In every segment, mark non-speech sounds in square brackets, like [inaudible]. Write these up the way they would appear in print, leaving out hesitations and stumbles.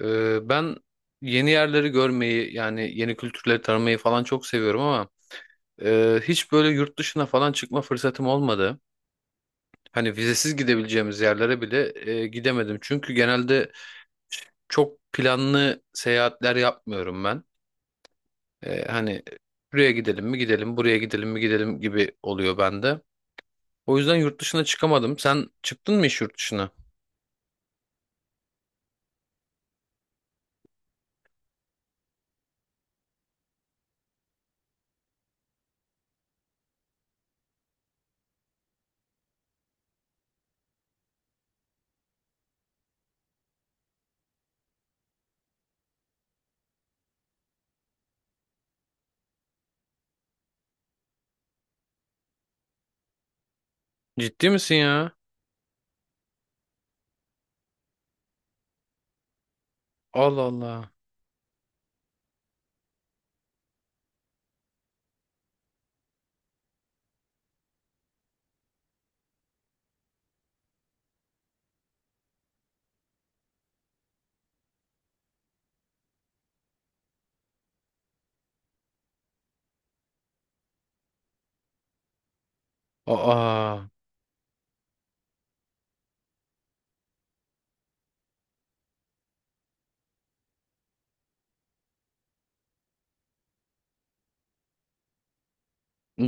Ben yeni yerleri görmeyi yani yeni kültürleri tanımayı falan çok seviyorum ama hiç böyle yurt dışına falan çıkma fırsatım olmadı. Hani vizesiz gidebileceğimiz yerlere bile gidemedim. Çünkü genelde çok planlı seyahatler yapmıyorum ben. Hani buraya gidelim mi gidelim, buraya gidelim mi gidelim gibi oluyor bende. O yüzden yurt dışına çıkamadım. Sen çıktın mı hiç yurt dışına? Ciddi misin ya? Allah Allah. Aa.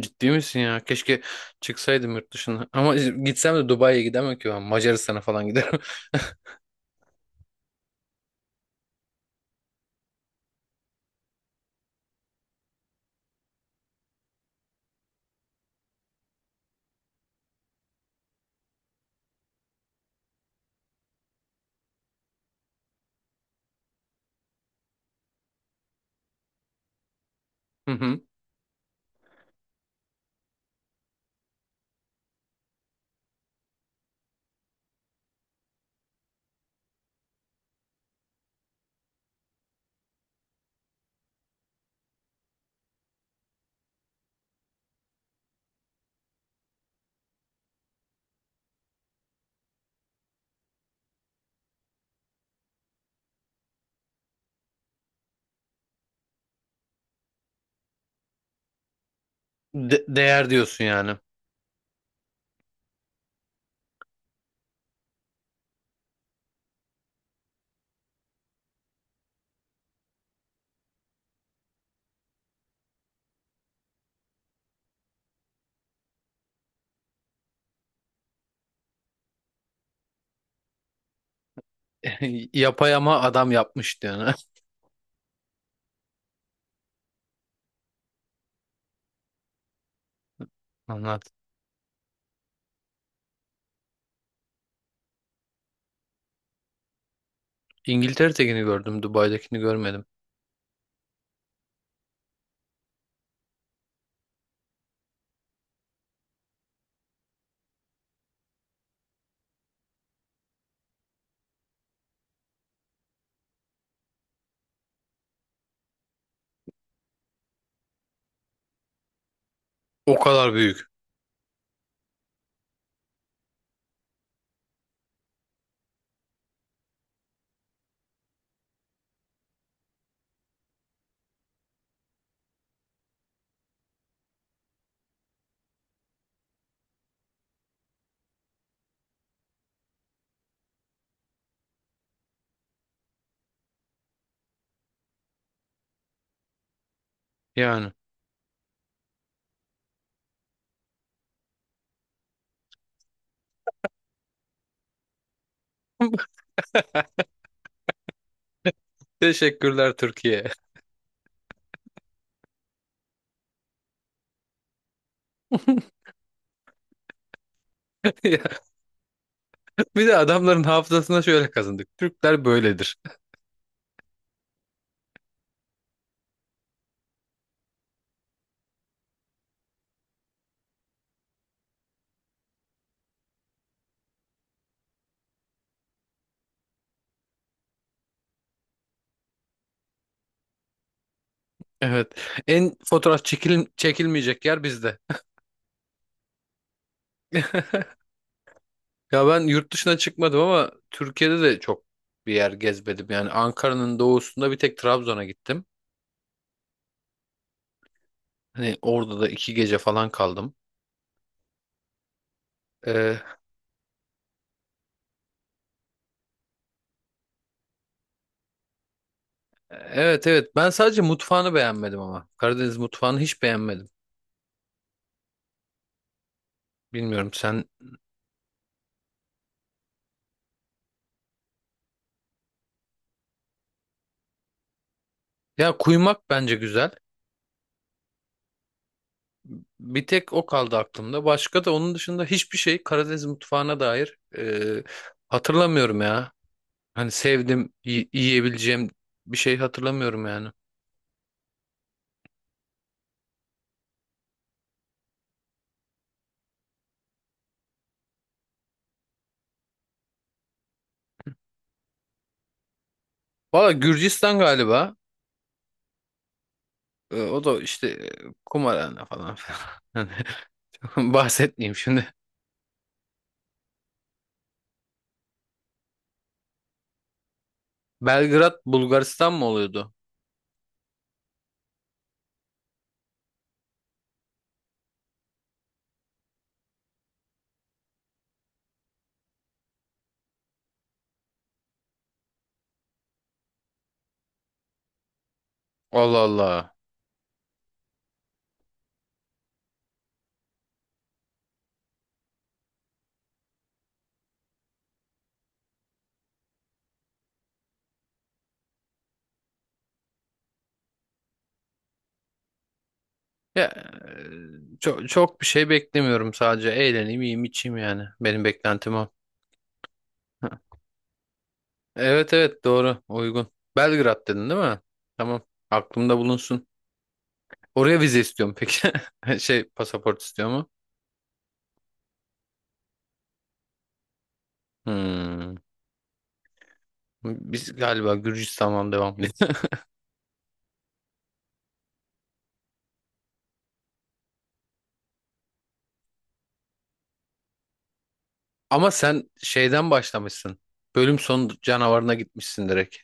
Ciddi misin ya? Keşke çıksaydım yurt dışına. Ama işte gitsem de Dubai'ye gidemem ki ben. Macaristan'a falan giderim. [laughs] Hı hı. Değer diyorsun yani. [laughs] Yapay ama adam yapmış yani. [laughs] Anlat. İngiltere'dekini gördüm, Dubai'dekini görmedim. O kadar büyük. Yani. [laughs] Teşekkürler Türkiye. [laughs] Ya, bir de adamların hafızasına şöyle kazındık. Türkler böyledir. Evet. En fotoğraf çekil çekilmeyecek yer bizde. [laughs] Ya ben yurt dışına çıkmadım ama Türkiye'de de çok bir yer gezmedim. Yani Ankara'nın doğusunda bir tek Trabzon'a gittim. Hani orada da iki gece falan kaldım. Ee, evet, evet, ben sadece mutfağını beğenmedim ama. Karadeniz mutfağını hiç beğenmedim. Bilmiyorum sen. Ya kuymak bence güzel. Bir tek o kaldı aklımda. Başka da onun dışında hiçbir şey Karadeniz mutfağına dair hatırlamıyorum ya. Hani sevdim, yiyebileceğim bir şey hatırlamıyorum yani. Valla Gürcistan galiba. O da işte kumarhane falan filan. [laughs] Hani [laughs] bahsetmeyeyim şimdi. Belgrad Bulgaristan mı oluyordu? Allah Allah. Ya çok çok bir şey beklemiyorum, sadece eğleneyim, yiyeyim, içeyim yani. Benim beklentim o. [laughs] Evet, evet, doğru, uygun. Belgrad dedin değil mi? Tamam. Aklımda bulunsun. Oraya vize istiyorum peki. [laughs] Şey, pasaport istiyor mu? Hmm. Biz galiba Gürcistan'dan devam edelim. Ama sen şeyden başlamışsın. Bölüm sonu canavarına gitmişsin direkt.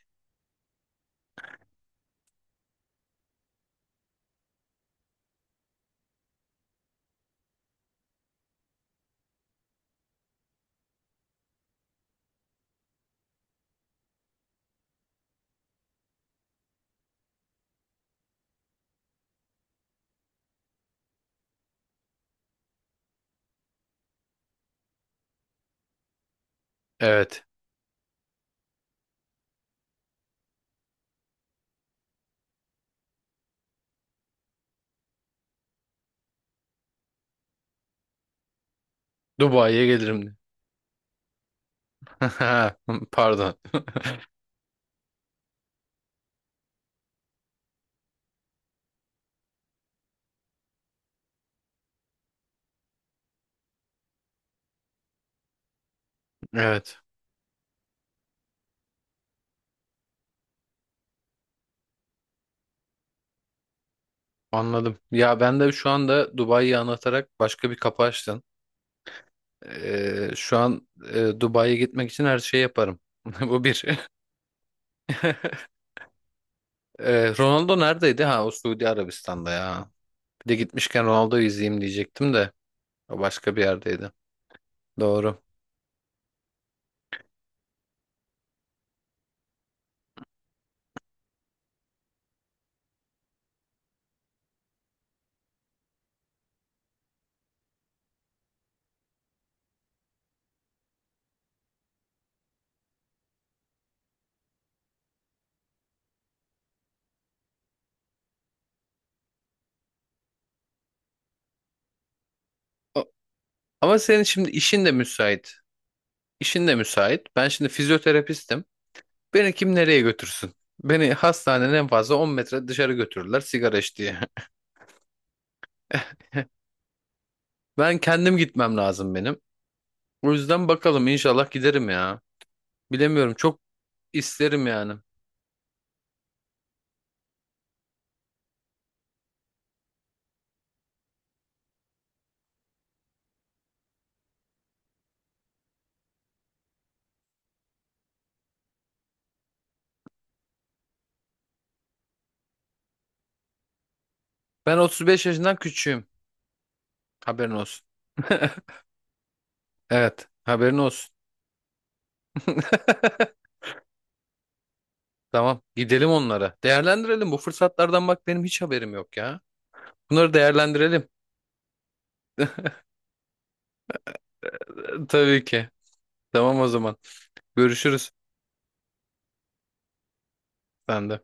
Evet. Dubai'ye gelirim. [laughs] Pardon. [laughs] Evet. Anladım. Ya ben de şu anda Dubai'yi anlatarak başka bir kapı açtın. Şu an Dubai'ye gitmek için her şeyi yaparım. [laughs] Bu bir. [laughs] Ronaldo neredeydi? Ha, o Suudi Arabistan'da ya. Bir de gitmişken Ronaldo'yu izleyeyim diyecektim de o başka bir yerdeydi. Doğru. O- Ama senin şimdi işin de müsait. İşin de müsait. Ben şimdi fizyoterapistim. Beni kim nereye götürsün? Beni hastanenin en fazla 10 metre dışarı götürürler sigara iç diye. [laughs] Ben kendim gitmem lazım benim. O yüzden bakalım inşallah giderim ya. Bilemiyorum, çok isterim yani. Ben 35 yaşından küçüğüm. Haberin olsun. [laughs] Evet, haberin olsun. [laughs] Tamam, gidelim onlara. Değerlendirelim bu fırsatlardan, bak benim hiç haberim yok ya. Bunları değerlendirelim. Tabii ki. Tamam o zaman. Görüşürüz. Ben de.